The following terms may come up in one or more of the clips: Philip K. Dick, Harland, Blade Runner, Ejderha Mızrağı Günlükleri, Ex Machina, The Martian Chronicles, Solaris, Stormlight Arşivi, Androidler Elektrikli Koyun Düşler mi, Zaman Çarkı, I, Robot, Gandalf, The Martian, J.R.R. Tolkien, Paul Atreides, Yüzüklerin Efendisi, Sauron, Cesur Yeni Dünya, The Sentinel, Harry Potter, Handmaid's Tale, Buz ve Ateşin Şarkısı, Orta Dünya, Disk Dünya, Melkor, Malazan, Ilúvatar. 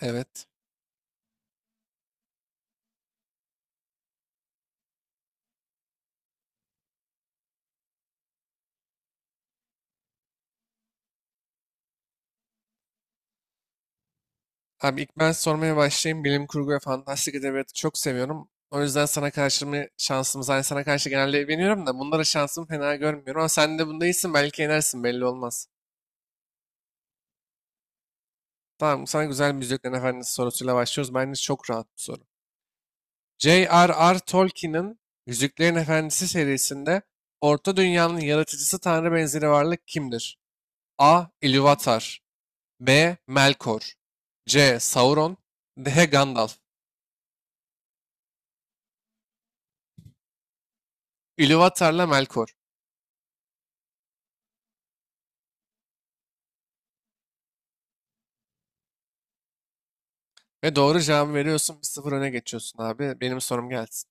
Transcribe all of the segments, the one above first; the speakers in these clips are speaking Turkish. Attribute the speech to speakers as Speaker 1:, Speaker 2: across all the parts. Speaker 1: Evet. Abi ilk ben sormaya başlayayım. Bilim kurgu ve fantastik edebiyatı çok seviyorum. O yüzden sana karşı mı şansımız? Hani sana karşı genelde evleniyorum da bunlara şansımı fena görmüyorum. Ama sen de bunda iyisin, belki yenersin, belli olmaz. Tamam, sana güzel bir Yüzüklerin Efendisi sorusuyla başlıyoruz. Bence çok rahat bir soru. J.R.R. Tolkien'in Yüzüklerin Efendisi serisinde Orta Dünya'nın yaratıcısı tanrı benzeri varlık kimdir? A. Ilúvatar, B. Melkor, C. Sauron, D. Gandalf. Ilúvatar'la Melkor. Ve doğru cevabı veriyorsun. Bir sıfır öne geçiyorsun abi. Benim sorum gelsin.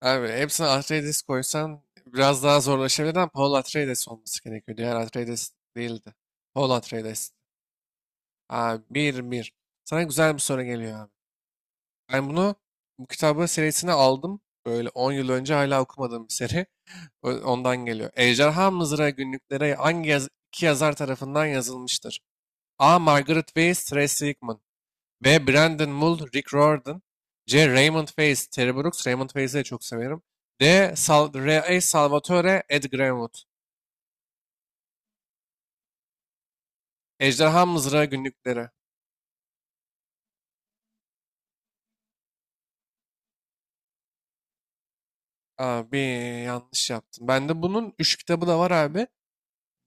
Speaker 1: Abi hepsine Atreides koysan biraz daha zorlaşabilir ama Paul Atreides olması gerekiyor. Diğer Atreides değildi. Paul Atreides. Abi bir bir. Sana güzel bir soru geliyor abi. Ben bunu bu kitabı serisine aldım. Böyle 10 yıl önce, hala okumadığım bir seri. Ondan geliyor. Ejderha Mızrağı günlükleri hangi iki yazar tarafından yazılmıştır? A. Margaret Weiss, Ray Sigmund. B. Brandon Mull, Rick Riordan. C. Raymond Faze, Terry Brooks. Raymond Faze'i de çok severim. D. Sal R. Salvatore, Ed Greenwood. Ejderha Mızrağı Günlükleri. Abi yanlış yaptım. Bende bunun 3 kitabı da var abi.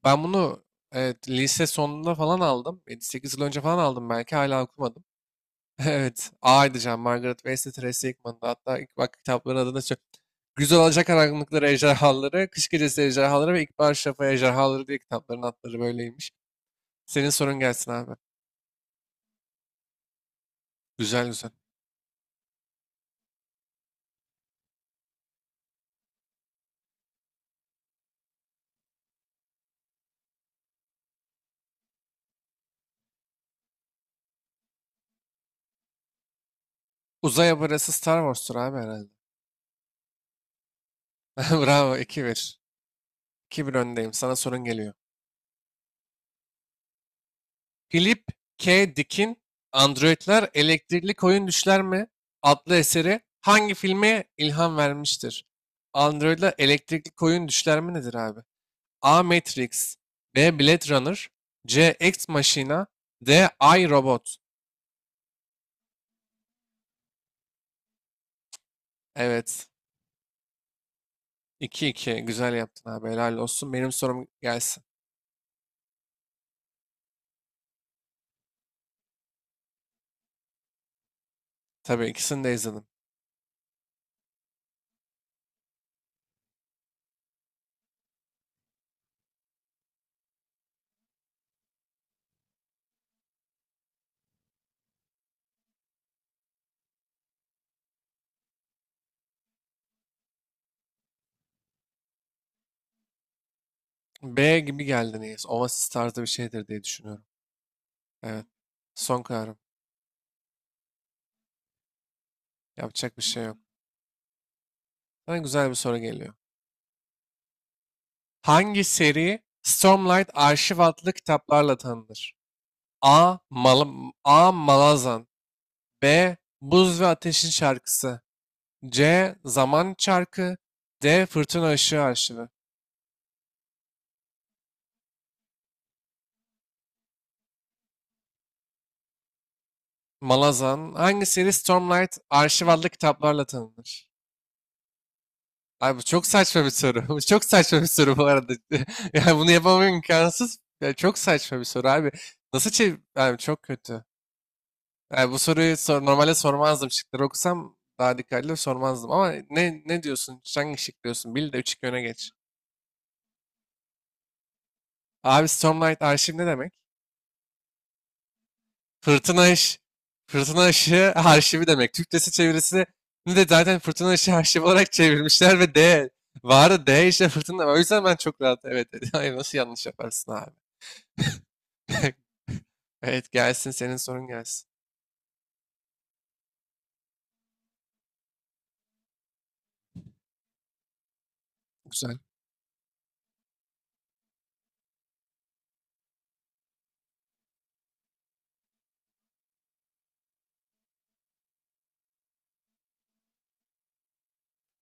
Speaker 1: Ben bunu, evet, lise sonunda falan aldım. 8 yıl önce falan aldım, belki hala okumadım. Evet. A edeceğim. Margaret Weis'le Tracy Hickman'da. Hatta ilk bak kitapların adını söyle. Güzel, Alacak Karanlıkları Ejderhaları, Kış Gecesi Ejderhaları ve İkbal Şafa Ejderhaları diye kitapların adları böyleymiş. Senin sorun gelsin abi. Güzel güzel. Uzay abarası Star Wars'tur abi herhalde. Bravo iki bir. 2 bir öndeyim. Sana sorun geliyor. Philip K. Dick'in Androidler Elektrikli Koyun Düşler mi? Adlı eseri hangi filme ilham vermiştir? Androidler Elektrikli Koyun Düşler mi nedir abi? A. Matrix, B. Blade Runner, C. Ex Machina, D. I, Robot. Evet. iki iki. Güzel yaptın abi. Helal olsun. Benim sorum gelsin. Tabii ikisini de izledim. B gibi geldi neyse. Oasis tarzı bir şeydir diye düşünüyorum. Evet. Son kararım. Yapacak bir şey yok. Sana güzel bir soru geliyor. Hangi seri Stormlight Arşiv adlı kitaplarla tanınır? A. Mal A. Malazan, B. Buz ve Ateşin Şarkısı, C. Zaman Çarkı, D. Fırtına Işığı Arşivi. Malazan, hangi seri Stormlight Arşiv adlı kitaplarla tanınır? Abi bu çok saçma bir soru. Bu çok saçma bir soru bu arada. Yani bunu yapamam, imkansız. Ya çok saçma bir soru abi. Nasıl çev... Abi çok kötü. Yani bu soruyu sor, normalde sormazdım. Şıkları okusam daha dikkatli sormazdım. Ama ne diyorsun? Hangi şık diyorsun? Bil de 3-2 öne geç. Abi Stormlight arşiv ne demek? Fırtına ış... Fırtına ışığı arşivi demek. Türkçesi, çevirisini de zaten fırtına ışığı arşiv olarak çevirmişler ve D. Varı D işte, fırtına. O yüzden ben çok rahat evet dedim. Hayır, nasıl yanlış yaparsın abi? Evet, gelsin, senin sorun gelsin. Güzel.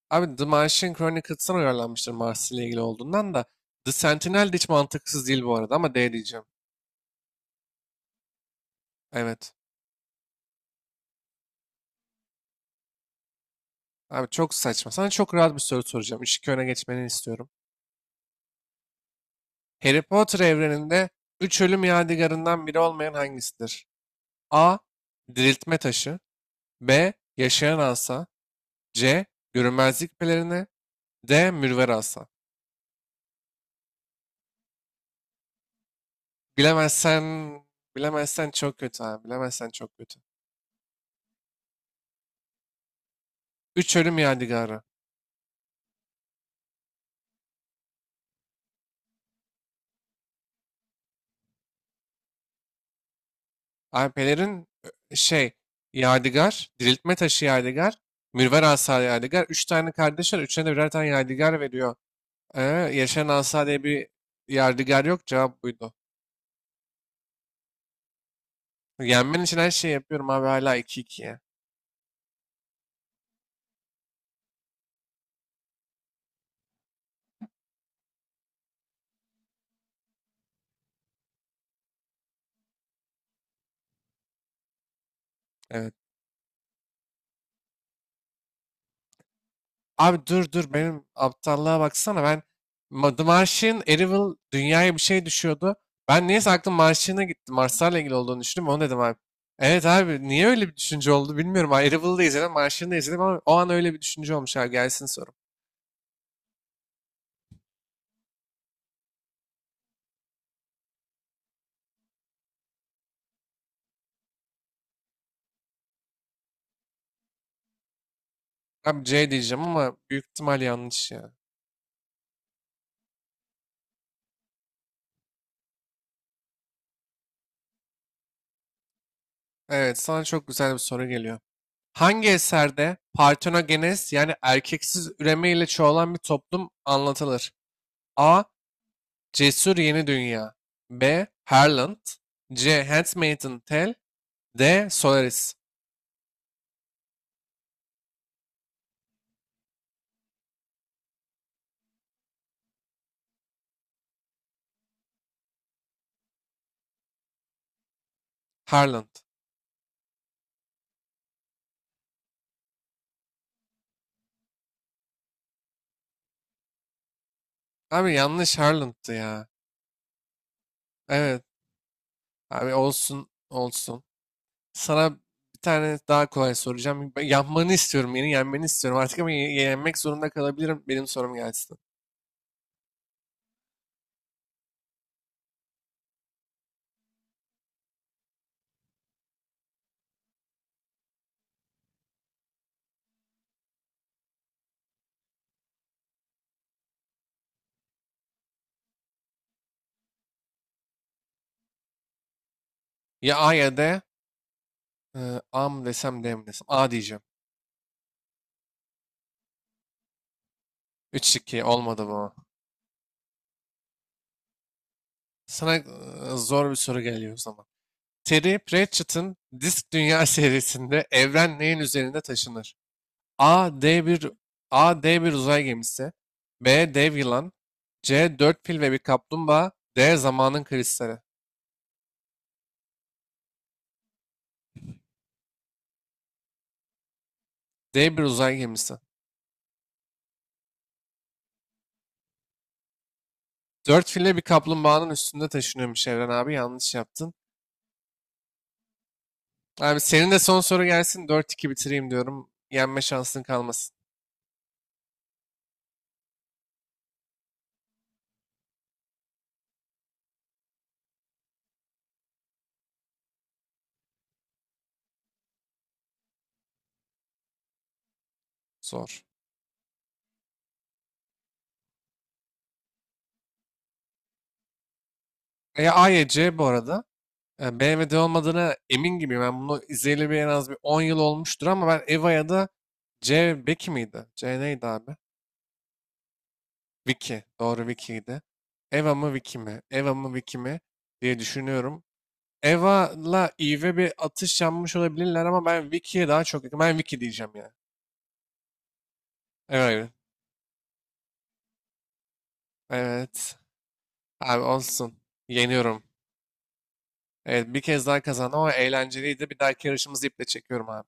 Speaker 1: Abi The Martian Chronicles'tan uyarlanmıştır, Mars ile ilgili olduğundan da. The Sentinel de hiç mantıksız değil bu arada ama D diyeceğim. Evet. Abi çok saçma. Sana çok rahat bir soru soracağım. Işık öne geçmeni istiyorum. Harry Potter evreninde üç ölüm yadigarından biri olmayan hangisidir? A. Diriltme taşı. B. Yaşayan asa. C. Görünmezlik pelerini. D. Mürver asa. Bilemezsen, bilemezsen çok kötü abi. Bilemezsen çok kötü. Üç ölüm yadigarı. Alpelerin, şey, yadigar, diriltme taşı yadigar, mürver asa yadigar. Üç tane kardeş var. Üçüne de birer tane yadigar veriyor. Ee, Yaşayan asa diye bir yadigar yok. Cevap buydu. Yenmen için her şeyi yapıyorum abi, hala iki ikiye. Evet. Abi dur dur, benim aptallığa baksana, ben The Martian, Arrival dünyaya bir şey düşüyordu. Ben niyeyse aklım Martian'a gitti. Marslarla ilgili olduğunu düşündüm. Onu dedim abi. Evet abi, niye öyle bir düşünce oldu bilmiyorum. Abi Arrival'ı da izledim, Martian'ı da izledim ama o an öyle bir düşünce olmuş abi. Gelsin soru. Abi C diyeceğim ama büyük ihtimal yanlış ya. Evet, sana çok güzel bir soru geliyor. Hangi eserde partenogenes, yani erkeksiz üreme ile çoğalan bir toplum anlatılır? A. Cesur Yeni Dünya. B. Harland. C. Handmaid's Tale. D. Solaris. Harland. Abi yanlış, Harland'tı ya. Evet. Abi olsun olsun. Sana bir tane daha kolay soracağım. Yapmanı istiyorum. Yeni yenmeni istiyorum. Artık ama yenmek zorunda kalabilirim. Benim sorum gelsin. Ya A ya D. A mı desem D mi desem. A diyeceğim. 3-2 olmadı bu. Sana zor bir soru geliyor o zaman. Terry Pratchett'ın Disk Dünya serisinde evren neyin üzerinde taşınır? A. D bir A. D bir uzay gemisi. B. Dev yılan. C. Dört fil ve bir kaplumbağa. D. Zamanın kristali. D bir uzay gemisi. Dört fil ve bir kaplumbağanın üstünde taşınıyormuş evren abi. Yanlış yaptın. Abi senin de son soru gelsin. Dört iki bitireyim diyorum. Yenme şansın kalmasın. Zor. A ya C bu arada. Yani BMW'de olmadığına emin gibiyim. Ben bunu izleyeli bir, en az bir 10 yıl olmuştur ama ben Eva ya da C Becky miydi? C neydi abi? Vicky. Doğru, Vicky'ydi. Eva mı Vicky mi? Eva mı Vicky mi? Diye düşünüyorum. Eva'la Eve bir atış yanmış olabilirler ama ben Vicky'ye daha çok yakın. Ben Vicky diyeceğim ya. Evet. Evet. Abi olsun. Yeniyorum. Evet, bir kez daha kazandım ama eğlenceliydi. Bir dahaki yarışımızı iple çekiyorum abi.